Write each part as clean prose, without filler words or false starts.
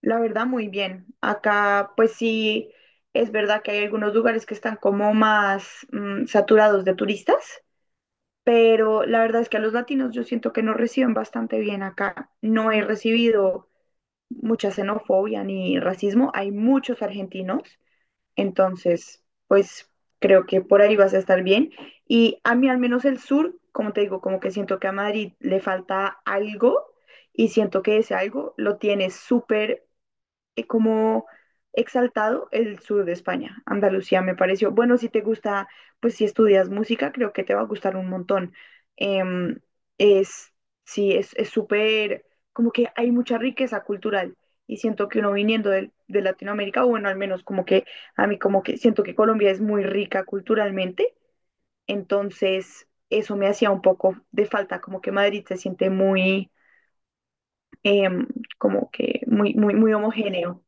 La verdad, muy bien. Acá, pues sí, es verdad que hay algunos lugares que están como más saturados de turistas, pero la verdad es que a los latinos yo siento que nos reciben bastante bien acá. No he recibido mucha xenofobia ni racismo. Hay muchos argentinos, entonces, pues creo que por ahí vas a estar bien. Y a mí al menos el sur, como te digo, como que siento que a Madrid le falta algo y siento que ese algo lo tiene súper como exaltado el sur de España. Andalucía me pareció, bueno, si te gusta, pues si estudias música, creo que te va a gustar un montón. Em, es, sí, es súper, como que hay mucha riqueza cultural y siento que uno viniendo de Latinoamérica, o bueno, al menos como que a mí como que siento que Colombia es muy rica culturalmente, entonces eso me hacía un poco de falta, como que Madrid se siente muy, em, como que muy, muy, muy homogéneo.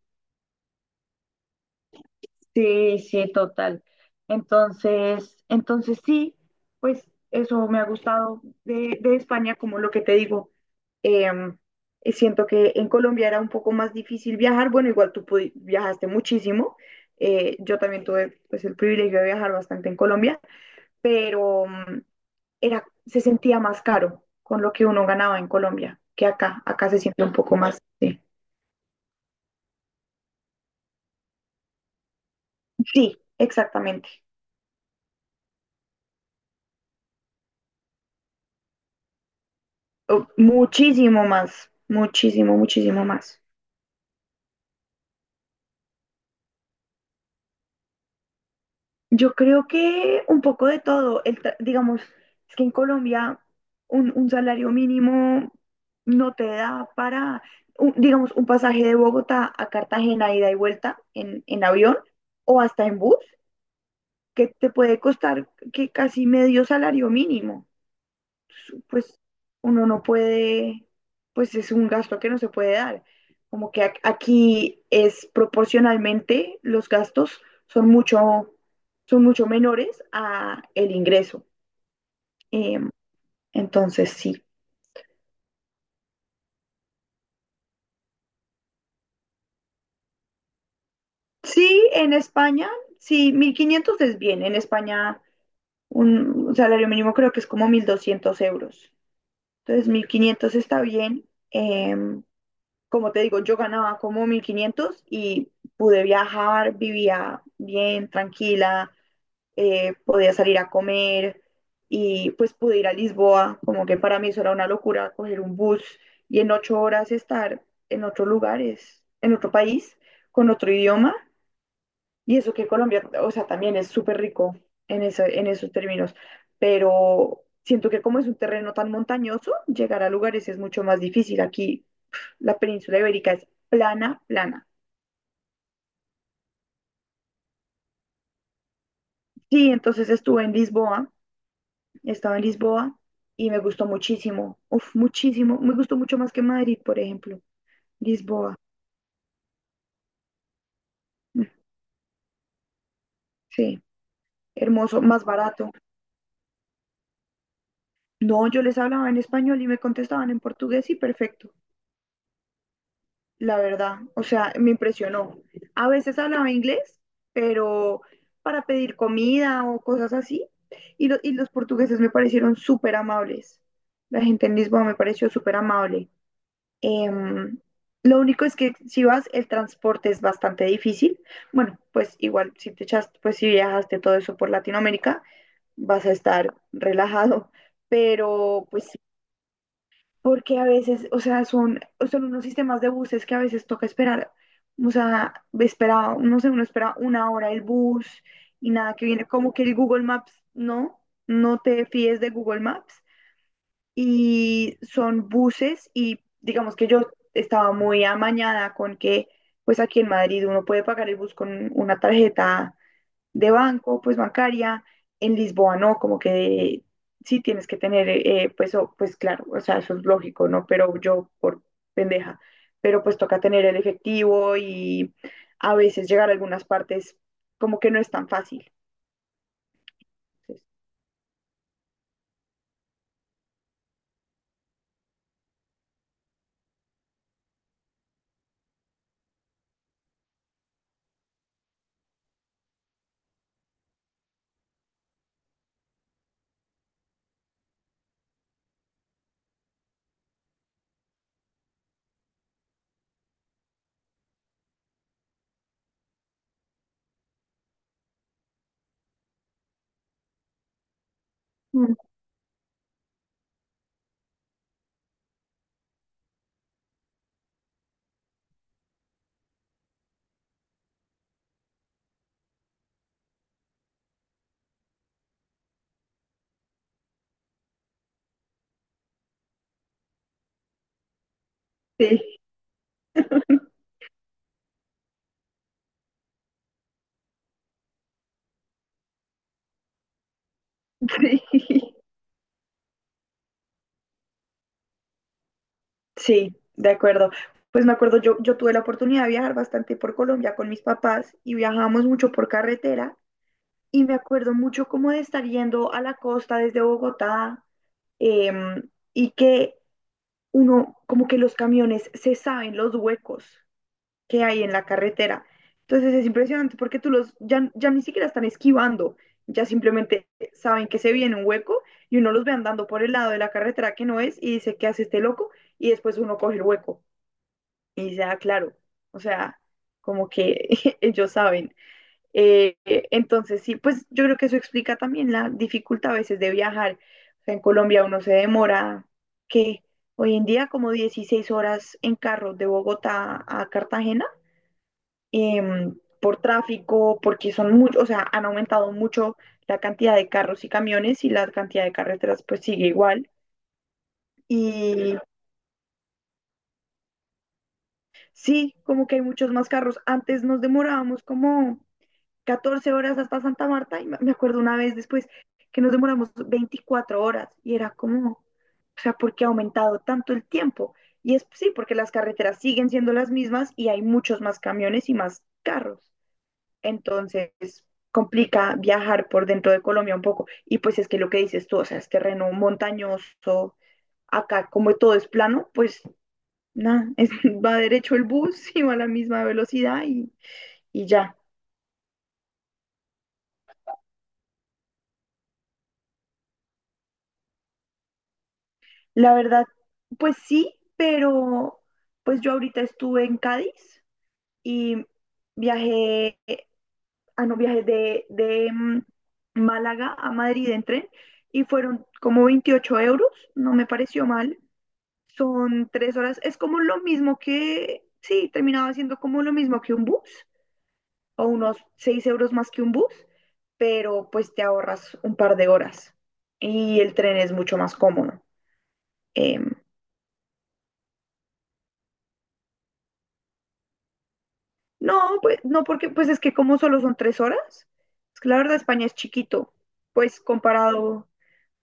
Sí, sí, total. Entonces sí, pues eso me ha gustado de España, como lo que te digo. Em, y siento que en Colombia era un poco más difícil viajar. Bueno, igual tú viajaste muchísimo. Yo también tuve pues, el privilegio de viajar bastante en Colombia, pero era, se sentía más caro con lo que uno ganaba en Colombia que acá. Acá se siente un poco más. Sí, sí, exactamente. Oh, muchísimo más, muchísimo, muchísimo más. Yo creo que un poco de todo, digamos, es que en Colombia un salario mínimo no te da para, digamos, un pasaje de Bogotá a Cartagena, ida y vuelta en avión o hasta en bus, que te puede costar que casi medio salario mínimo. Pues uno no puede, pues es un gasto que no se puede dar. Como que aquí es proporcionalmente los gastos son mucho, son mucho menores a el ingreso. Em, entonces sí. Sí, en España, sí, 1500 es bien. En España un salario mínimo creo que es como 1200 euros. Entonces 1500 está bien. Como te digo, yo ganaba como 1500 y pude viajar, vivía bien, tranquila, podía salir a comer y pues pude ir a Lisboa, como que para mí eso era una locura, coger un bus y en 8 horas estar en otros lugares, en otro país, con otro idioma. Y eso que Colombia, o sea, también es súper rico en esos términos, pero siento que como es un terreno tan montañoso, llegar a lugares es mucho más difícil. Aquí la península ibérica es plana, plana. Sí, entonces estuve en Lisboa, estaba en Lisboa y me gustó muchísimo, uf, muchísimo, me gustó mucho más que Madrid, por ejemplo. Lisboa, mm, sí, hermoso, más barato. No, yo les hablaba en español y me contestaban en portugués y perfecto. La verdad. O sea, me impresionó. A veces hablaba inglés, pero para pedir comida o cosas así. Y los portugueses me parecieron súper amables. La gente en Lisboa me pareció súper amable. Em, lo único es que si vas, el transporte es bastante difícil. Bueno, pues igual si te echaste, pues si viajaste todo eso por Latinoamérica, vas a estar relajado. Pero pues porque a veces, o sea, son unos sistemas de buses que a veces toca esperar, o sea, espera, no sé, uno espera una hora el bus y nada que viene, como que el Google Maps, no, no te fíes de Google Maps y son buses y digamos que yo estaba muy amañada con que, pues aquí en Madrid uno puede pagar el bus con una tarjeta de banco, pues bancaria. En Lisboa no, como que sí tienes que tener, pues, pues claro, o sea, eso es lógico, ¿no? Pero yo por pendeja, pero pues toca tener el efectivo y a veces llegar a algunas partes como que no es tan fácil. Entonces, mm, sí, sí, sí, de acuerdo. Pues me acuerdo, yo tuve la oportunidad de viajar bastante por Colombia con mis papás y viajamos mucho por carretera y me acuerdo mucho como de estar yendo a la costa desde Bogotá eh, y que uno, como que los camiones se saben los huecos que hay en la carretera. Entonces es impresionante porque tú los ya ni siquiera están esquivando, ya simplemente saben que se viene un hueco y uno los ve andando por el lado de la carretera que no es y dice, ¿qué hace este loco? Y después uno coge el hueco y dice, ah, claro, o sea, como que ellos saben. Entonces, sí, pues yo creo que eso explica también la dificultad a veces de viajar. O sea, en Colombia uno se demora, que hoy en día como 16 horas en carro de Bogotá a Cartagena, por tráfico, porque son muchos, o sea, han aumentado mucho la cantidad de carros y camiones y la cantidad de carreteras pues sigue igual. Y sí, como que hay muchos más carros. Antes nos demorábamos como 14 horas hasta Santa Marta y me acuerdo una vez después que nos demoramos 24 horas y era como, o sea, ¿por qué ha aumentado tanto el tiempo? Y es sí, porque las carreteras siguen siendo las mismas y hay muchos más camiones y más carros. Entonces, complica viajar por dentro de Colombia un poco. Y pues es que lo que dices tú, o sea, es terreno montañoso, acá como todo es plano, pues nada, va derecho el bus y va a la misma velocidad y ya. La verdad, pues sí, pero pues yo ahorita estuve en Cádiz y viajé, ah, no, viajé de Málaga a Madrid en tren y fueron como 28 euros, no me pareció mal. Son 3 horas, es como lo mismo que, sí, terminaba siendo como lo mismo que un bus o unos 6 euros más que un bus, pero pues te ahorras un par de horas y el tren es mucho más cómodo. em, No, pues no, porque pues es que como solo son 3 horas, es que la verdad España es chiquito, pues comparado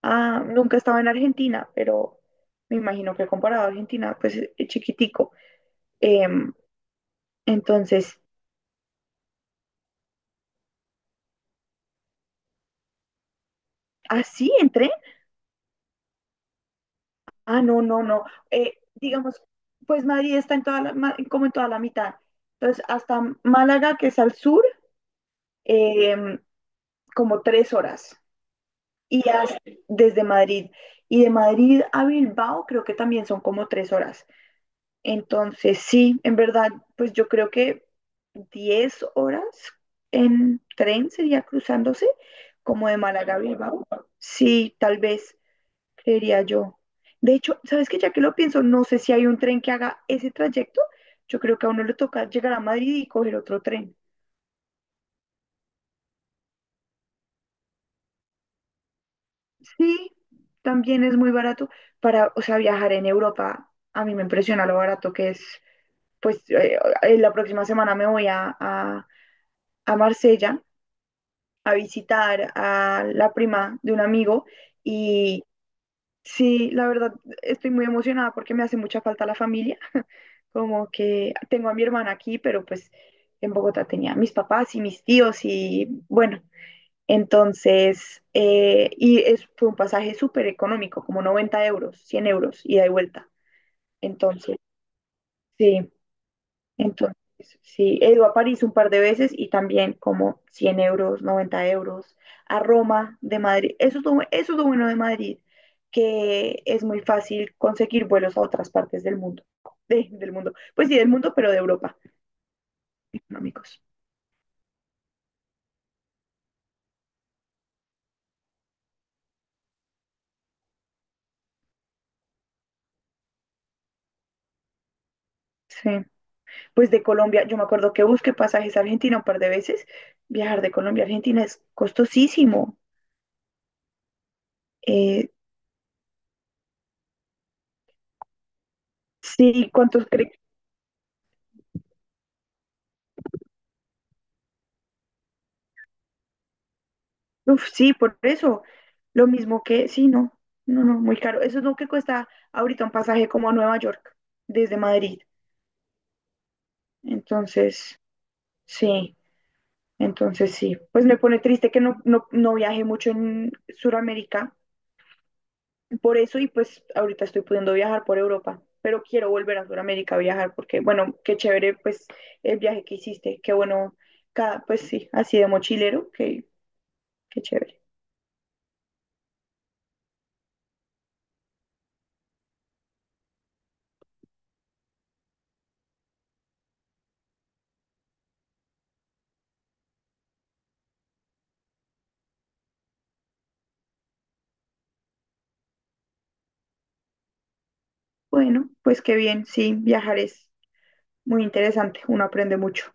a, nunca estaba en Argentina, pero me imagino que comparado a Argentina, pues es chiquitico. Em, entonces, ¿así entré? Ah, no, no, no. Digamos, pues Madrid está en toda la, ma- como en toda la mitad. Entonces, hasta Málaga, que es al sur, em, como 3 horas. y hasta- desde Madrid. Y de Madrid a Bilbao creo que también son como 3 horas. Entonces, sí, en verdad, pues yo creo que 10 horas en tren sería cruzándose, como de Málaga a Bilbao. Sí, tal vez, creería yo. De hecho, ¿sabes qué? Ya que lo pienso, no sé si hay un tren que haga ese trayecto. Yo creo que a uno le toca llegar a Madrid y coger otro tren. Sí, también es muy barato para, o sea, viajar en Europa. A mí me impresiona lo barato que es. Pues la próxima semana me voy a Marsella a visitar a la prima de un amigo y sí, la verdad estoy muy emocionada porque me hace mucha falta la familia. Como que tengo a mi hermana aquí, pero pues en Bogotá tenía a mis papás y mis tíos y bueno, entonces, y fue un pasaje súper económico, como 90 euros, 100 euros, ida y vuelta. Entonces, sí, entonces, sí, he ido a París un par de veces y también como 100 euros, 90 euros, a Roma de Madrid. Eso es lo bueno de Madrid, que es muy fácil conseguir vuelos a otras partes del mundo, del mundo, pues sí, del mundo, pero de Europa, económicos. Sí. Pues de Colombia, yo me acuerdo que busqué pasajes a Argentina un par de veces. Viajar de Colombia a Argentina es costosísimo. Eh, sí, ¿cuántos crees? Uf, sí, por eso. Lo mismo que, sí, no, no, no, muy caro. Eso es lo que cuesta ahorita un pasaje como a Nueva York, desde Madrid. Entonces, sí, entonces, sí. Pues me pone triste que no viaje mucho en Sudamérica, por eso, y pues ahorita estoy pudiendo viajar por Europa, pero quiero volver a Sudamérica a viajar porque, bueno, qué chévere, pues el viaje que hiciste, qué bueno, cada, pues sí, así de mochilero, qué chévere. Bueno, pues qué bien, sí, viajar es muy interesante, uno aprende mucho.